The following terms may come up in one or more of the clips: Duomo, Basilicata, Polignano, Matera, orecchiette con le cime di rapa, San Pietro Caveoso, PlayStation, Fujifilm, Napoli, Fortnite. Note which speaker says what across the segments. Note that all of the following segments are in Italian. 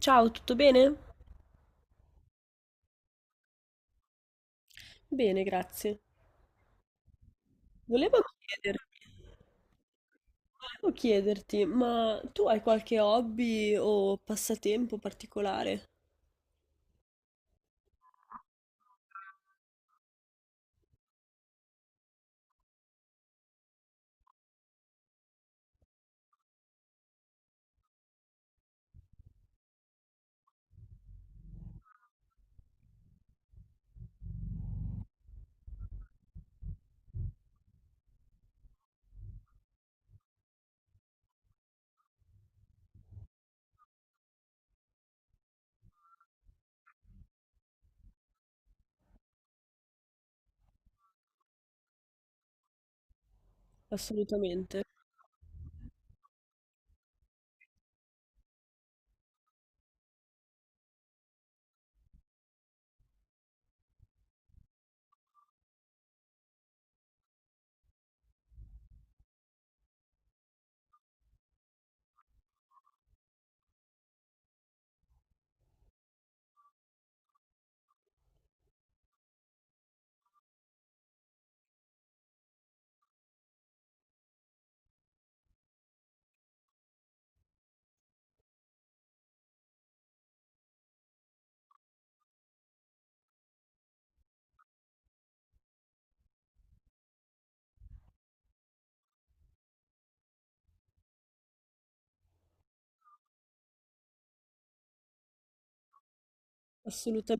Speaker 1: Ciao, tutto bene? Bene, grazie. Volevo chiederti, ma tu hai qualche hobby o passatempo particolare? Assolutamente, assolutamente.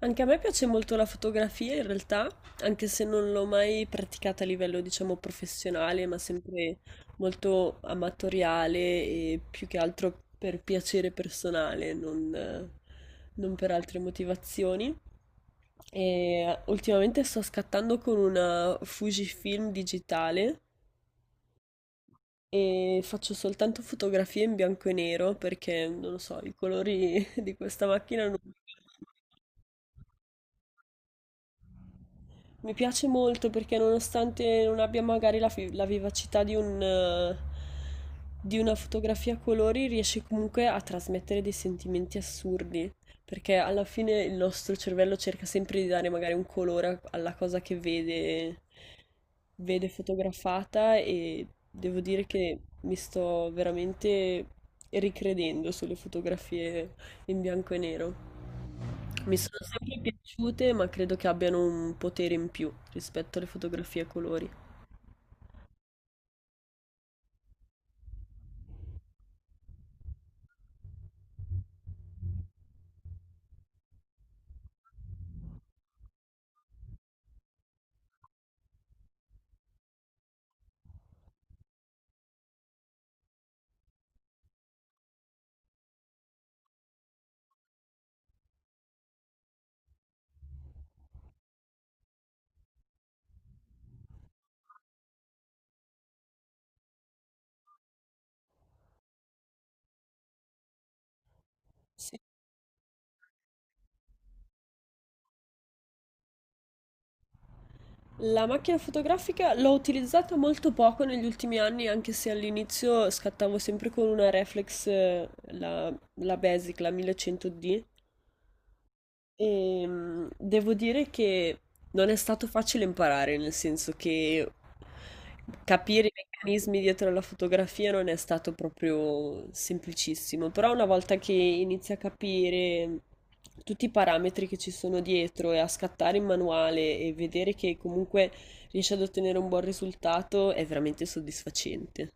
Speaker 1: Anche a me piace molto la fotografia in realtà, anche se non l'ho mai praticata a livello, diciamo, professionale, ma sempre molto amatoriale e più che altro per piacere personale, non, non per altre motivazioni. E ultimamente sto scattando con una Fujifilm digitale e faccio soltanto fotografie in bianco e nero perché non lo so, i colori di questa macchina non... Mi piace molto perché nonostante non abbia magari la vivacità di un, di una fotografia a colori, riesce comunque a trasmettere dei sentimenti assurdi, perché alla fine il nostro cervello cerca sempre di dare magari un colore alla cosa che vede, vede fotografata e devo dire che mi sto veramente ricredendo sulle fotografie in bianco e nero. Mi sono sempre piaciute, ma credo che abbiano un potere in più rispetto alle fotografie a colori. Sì. La macchina fotografica l'ho utilizzata molto poco negli ultimi anni, anche se all'inizio scattavo sempre con una reflex, la, la Basic, la 1100D. Devo dire che non è stato facile imparare, nel senso che capire i meccanismi dietro alla fotografia non è stato proprio semplicissimo, però una volta che inizi a capire tutti i parametri che ci sono dietro e a scattare in manuale e vedere che comunque riesci ad ottenere un buon risultato è veramente soddisfacente.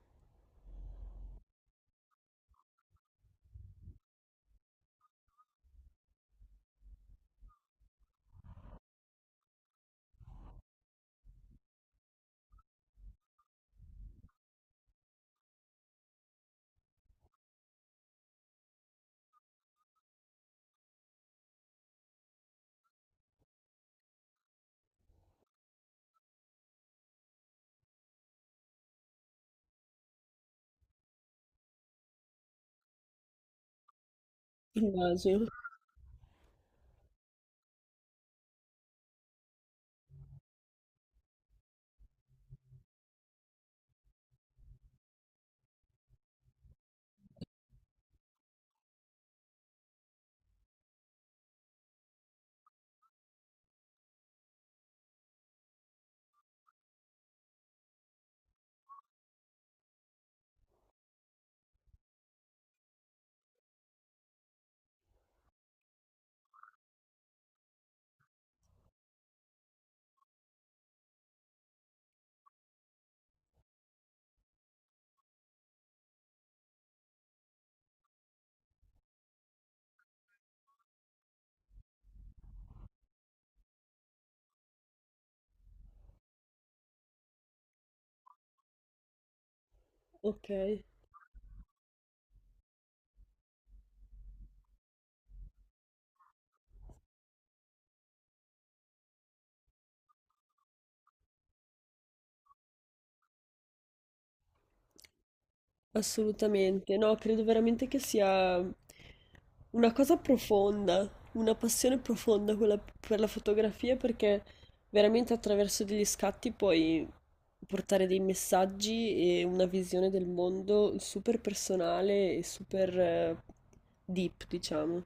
Speaker 1: Immagino. Ok. Assolutamente, no, credo veramente che sia una cosa profonda, una passione profonda quella per la fotografia perché veramente attraverso degli scatti puoi portare dei messaggi e una visione del mondo super personale e super deep, diciamo.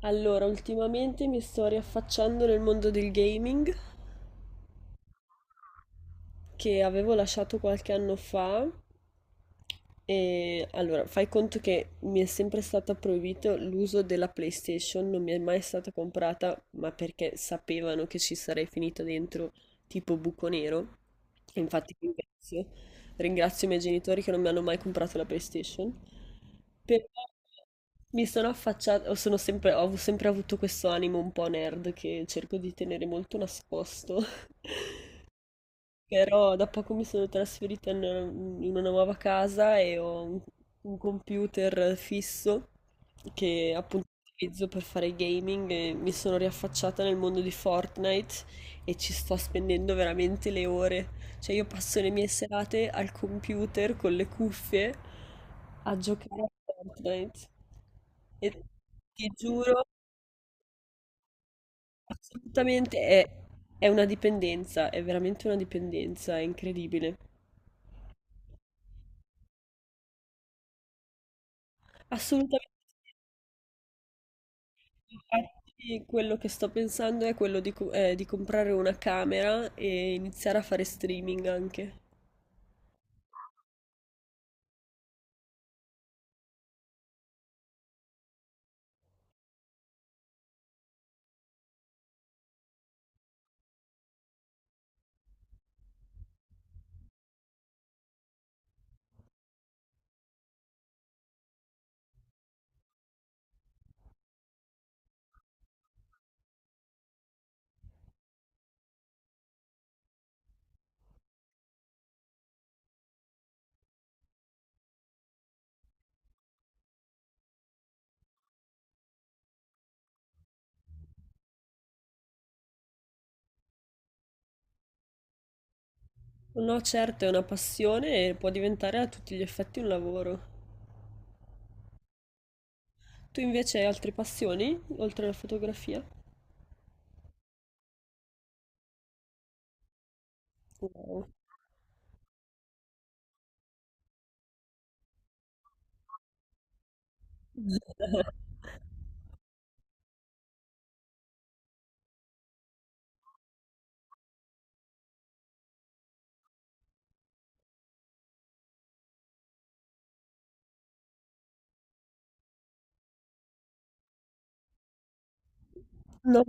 Speaker 1: Allora, ultimamente mi sto riaffacciando nel mondo del gaming che avevo lasciato qualche anno fa. E allora, fai conto che mi è sempre stato proibito l'uso della PlayStation, non mi è mai stata comprata, ma perché sapevano che ci sarei finita dentro tipo buco nero. E infatti ringrazio i miei genitori che non mi hanno mai comprato la PlayStation. Però mi sono affacciata, ho sempre avuto questo animo un po' nerd che cerco di tenere molto nascosto. Però da poco mi sono trasferita in una nuova casa e ho un computer fisso che appunto utilizzo per fare gaming e mi sono riaffacciata nel mondo di Fortnite e ci sto spendendo veramente le ore. Cioè io passo le mie serate al computer con le cuffie a giocare a Fortnite. E ti giuro, assolutamente è, è una dipendenza, è veramente una dipendenza, è incredibile. Assolutamente sì, infatti quello che sto pensando è quello di, di comprare una camera e iniziare a fare streaming anche. No, certo, è una passione e può diventare a tutti gli effetti un lavoro. Tu invece hai altre passioni, oltre alla fotografia? Wow. No,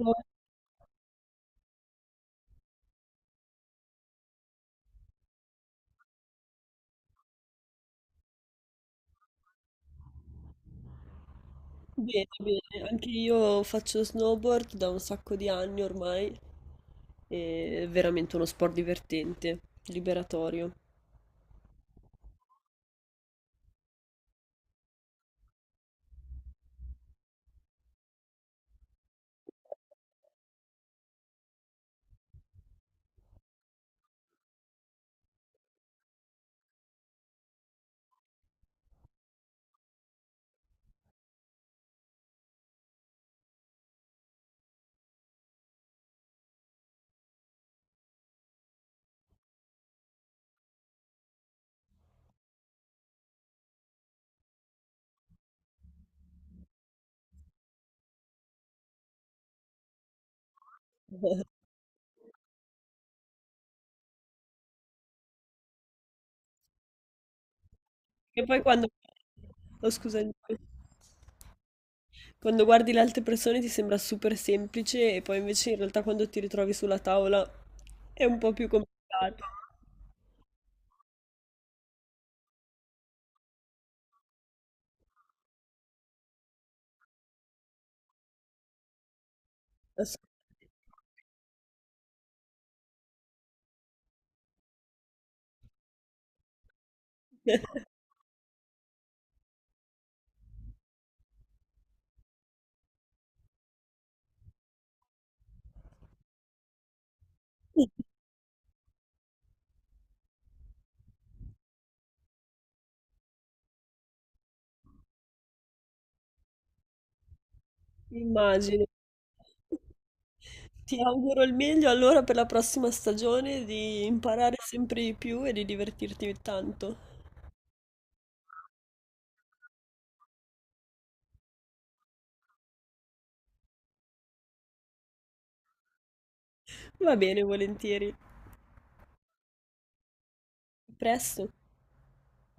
Speaker 1: bene, bene. Anche io faccio snowboard da un sacco di anni ormai. È veramente uno sport divertente, liberatorio. Che poi quando... Oh, scusami. Quando guardi le altre persone ti sembra super semplice e poi invece in realtà quando ti ritrovi sulla tavola è un po' più complicato. Ass- Immagino. Ti auguro il meglio allora per la prossima stagione di imparare sempre di più e di divertirti tanto. Va bene, volentieri. A presto.